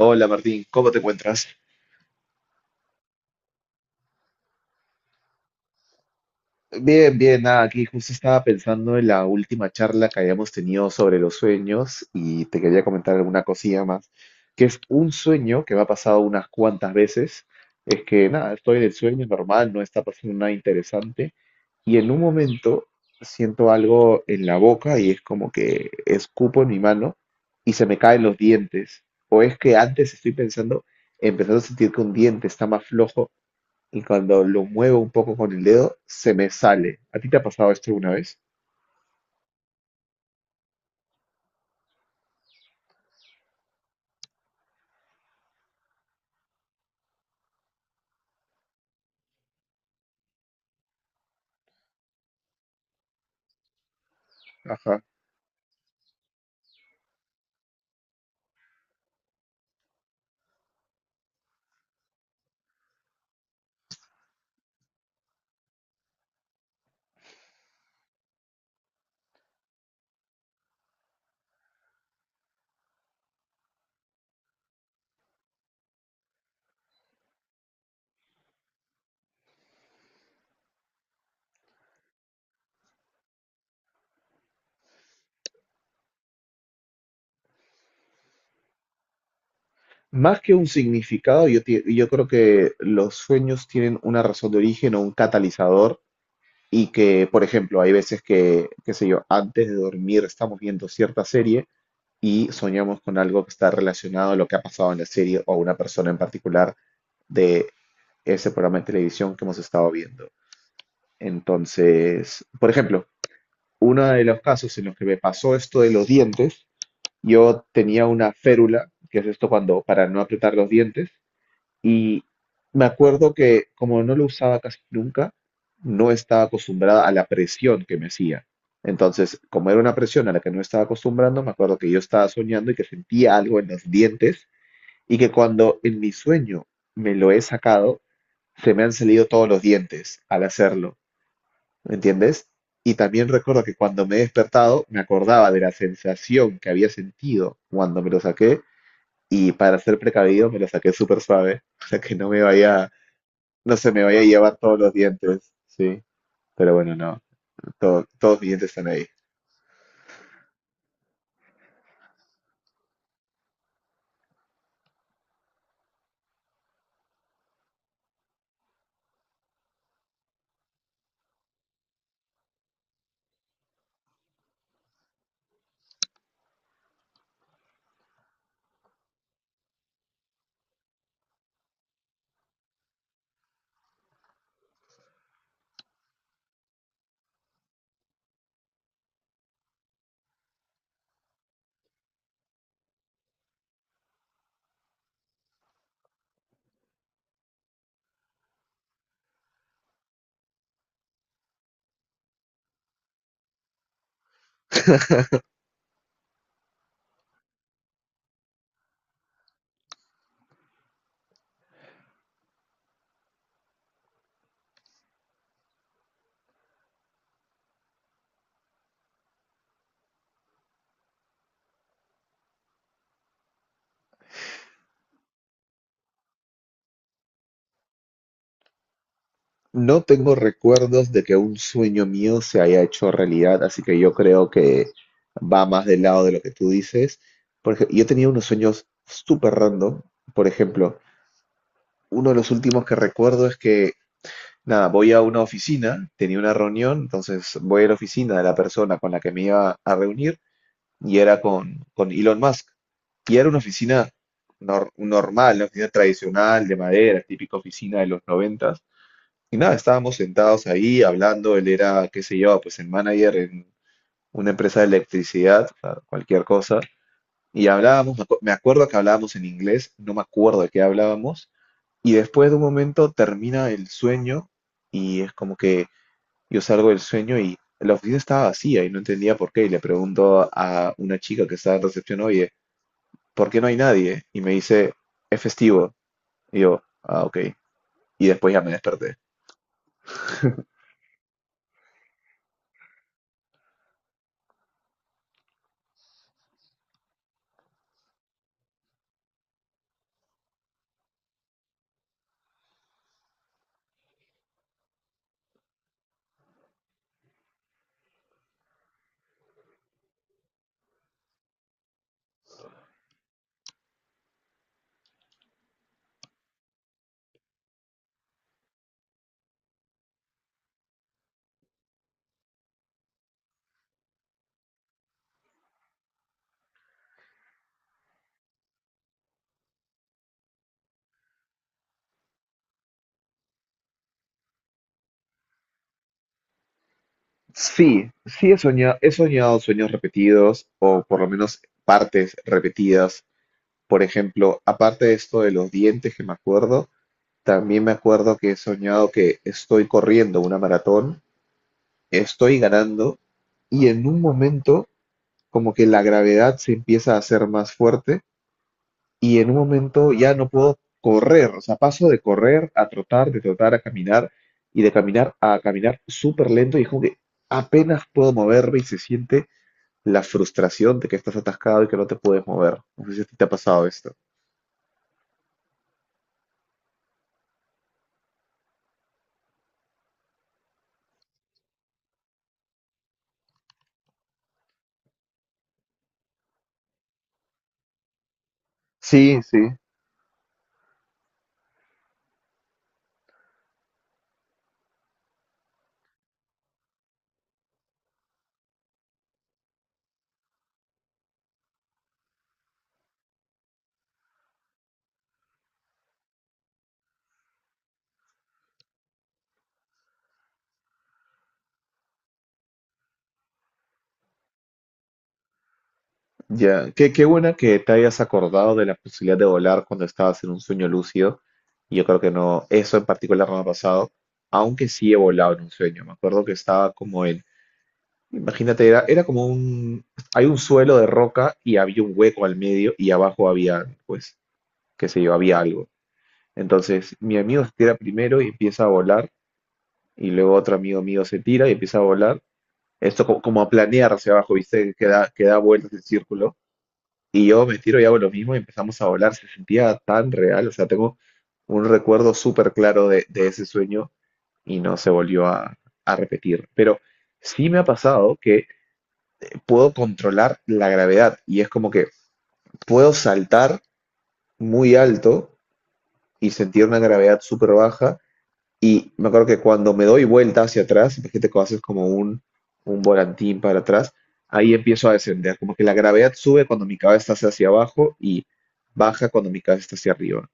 Hola Martín, ¿cómo te encuentras? Bien, bien, nada, aquí justo estaba pensando en la última charla que habíamos tenido sobre los sueños y te quería comentar alguna cosilla más, que es un sueño que me ha pasado unas cuantas veces, es que nada, estoy en el sueño normal, no está pasando nada interesante y en un momento siento algo en la boca y es como que escupo en mi mano y se me caen los dientes, o es que antes estoy pensando, empezando a sentir que un diente está más flojo y cuando lo muevo un poco con el dedo, se me sale. ¿A ti te ha pasado esto alguna vez? Ajá. Más que un significado, yo creo que los sueños tienen una razón de origen o un catalizador y que, por ejemplo, hay veces que, qué sé yo, antes de dormir estamos viendo cierta serie y soñamos con algo que está relacionado a lo que ha pasado en la serie o a una persona en particular de ese programa de televisión que hemos estado viendo. Entonces, por ejemplo, uno de los casos en los que me pasó esto de los dientes, yo tenía una férula, que es esto cuando, para no apretar los dientes, y me acuerdo que como no lo usaba casi nunca, no estaba acostumbrada a la presión que me hacía. Entonces, como era una presión a la que no estaba acostumbrando, me acuerdo que yo estaba soñando y que sentía algo en los dientes y que cuando en mi sueño me lo he sacado, se me han salido todos los dientes al hacerlo. ¿Me entiendes? Y también recuerdo que cuando me he despertado me acordaba de la sensación que había sentido cuando me lo saqué y para ser precavido me lo saqué súper suave, o sea que no me vaya, no se me vaya a llevar todos los dientes, sí, pero bueno, no, todos mis dientes están ahí. No tengo recuerdos de que un sueño mío se haya hecho realidad, así que yo creo que va más del lado de lo que tú dices. Porque yo tenía unos sueños súper random. Por ejemplo, uno de los últimos que recuerdo es que, nada, voy a una oficina, tenía una reunión, entonces voy a la oficina de la persona con la que me iba a reunir y era con Elon Musk. Y era una oficina normal, una oficina tradicional de madera, típica oficina de los noventas. Y nada, estábamos sentados ahí hablando, él era, qué sé yo, pues el manager en una empresa de electricidad, o sea, cualquier cosa. Y hablábamos, me acuerdo que hablábamos en inglés, no me acuerdo de qué hablábamos, y después de un momento termina el sueño y es como que yo salgo del sueño y la oficina estaba vacía y no entendía por qué. Y le pregunto a una chica que estaba en recepción, oye, ¿por qué no hay nadie? Y me dice, es festivo. Y yo, ah, ok. Y después ya me desperté. Sí, sí he soñado sueños repetidos o por lo menos partes repetidas. Por ejemplo, aparte de esto de los dientes que me acuerdo, también me acuerdo que he soñado que estoy corriendo una maratón, estoy ganando y en un momento como que la gravedad se empieza a hacer más fuerte y en un momento ya no puedo correr, o sea, paso de correr a trotar, de trotar a caminar y de caminar a caminar súper lento y es como que apenas puedo moverme y se siente la frustración de que estás atascado y que no te puedes mover. No sé si a ti te ha pasado esto. Sí, sí. Ya, qué, qué buena que te hayas acordado de la posibilidad de volar cuando estabas en un sueño lúcido. Y yo creo que no, eso en particular no me ha pasado, aunque sí he volado en un sueño. Me acuerdo que estaba como en, imagínate, era como un, hay un suelo de roca y había un hueco al medio y abajo había, pues, qué sé yo, había algo. Entonces, mi amigo se tira primero y empieza a volar, y luego otro amigo mío se tira y empieza a volar. Esto como, como a planear hacia abajo, ¿viste? Que da vueltas el círculo. Y yo me tiro y hago lo mismo y empezamos a volar. Se sentía tan real. O sea, tengo un recuerdo súper claro de ese sueño y no se volvió a repetir. Pero sí me ha pasado que puedo controlar la gravedad y es como que puedo saltar muy alto y sentir una gravedad súper baja. Y me acuerdo que cuando me doy vuelta hacia atrás, imagínate que haces como un volantín para atrás, ahí empiezo a descender. Como que la gravedad sube cuando mi cabeza está hacia abajo y baja cuando mi cabeza está hacia arriba.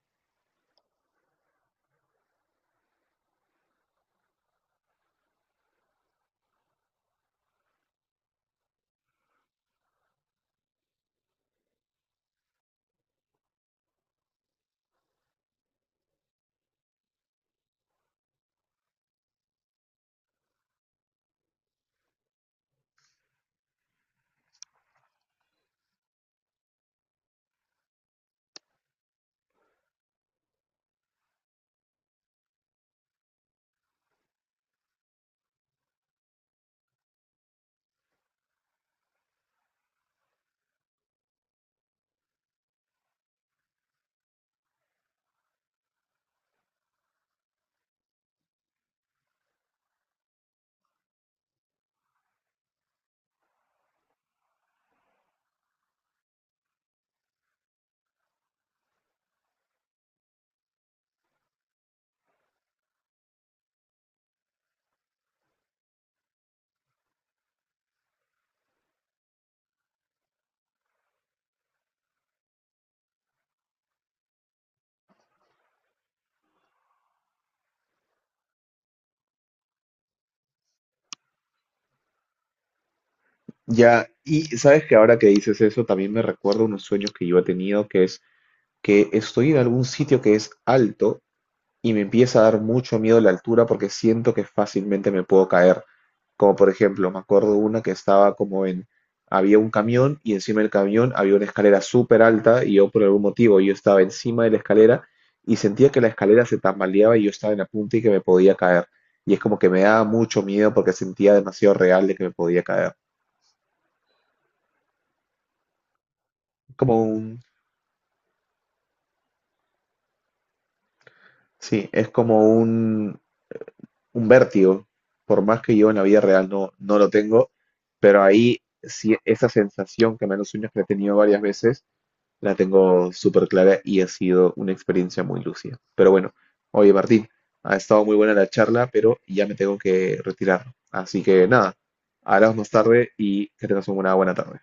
Ya, y sabes que ahora que dices eso, también me recuerda unos sueños que yo he tenido, que es que estoy en algún sitio que es alto y me empieza a dar mucho miedo la altura porque siento que fácilmente me puedo caer. Como por ejemplo, me acuerdo una que estaba como en, había un camión y encima del camión había una escalera súper alta y yo por algún motivo yo estaba encima de la escalera y sentía que la escalera se tambaleaba y yo estaba en la punta y que me podía caer. Y es como que me daba mucho miedo porque sentía demasiado real de que me podía caer. Como un, sí, es como un vértigo, por más que yo en la vida real no, no lo tengo, pero ahí sí esa sensación que me da en los sueños que he tenido varias veces, la tengo súper clara y ha sido una experiencia muy lúcida. Pero bueno, oye Martín, ha estado muy buena la charla, pero ya me tengo que retirar. Así que nada, hablamos más tarde y que tengas una buena tarde.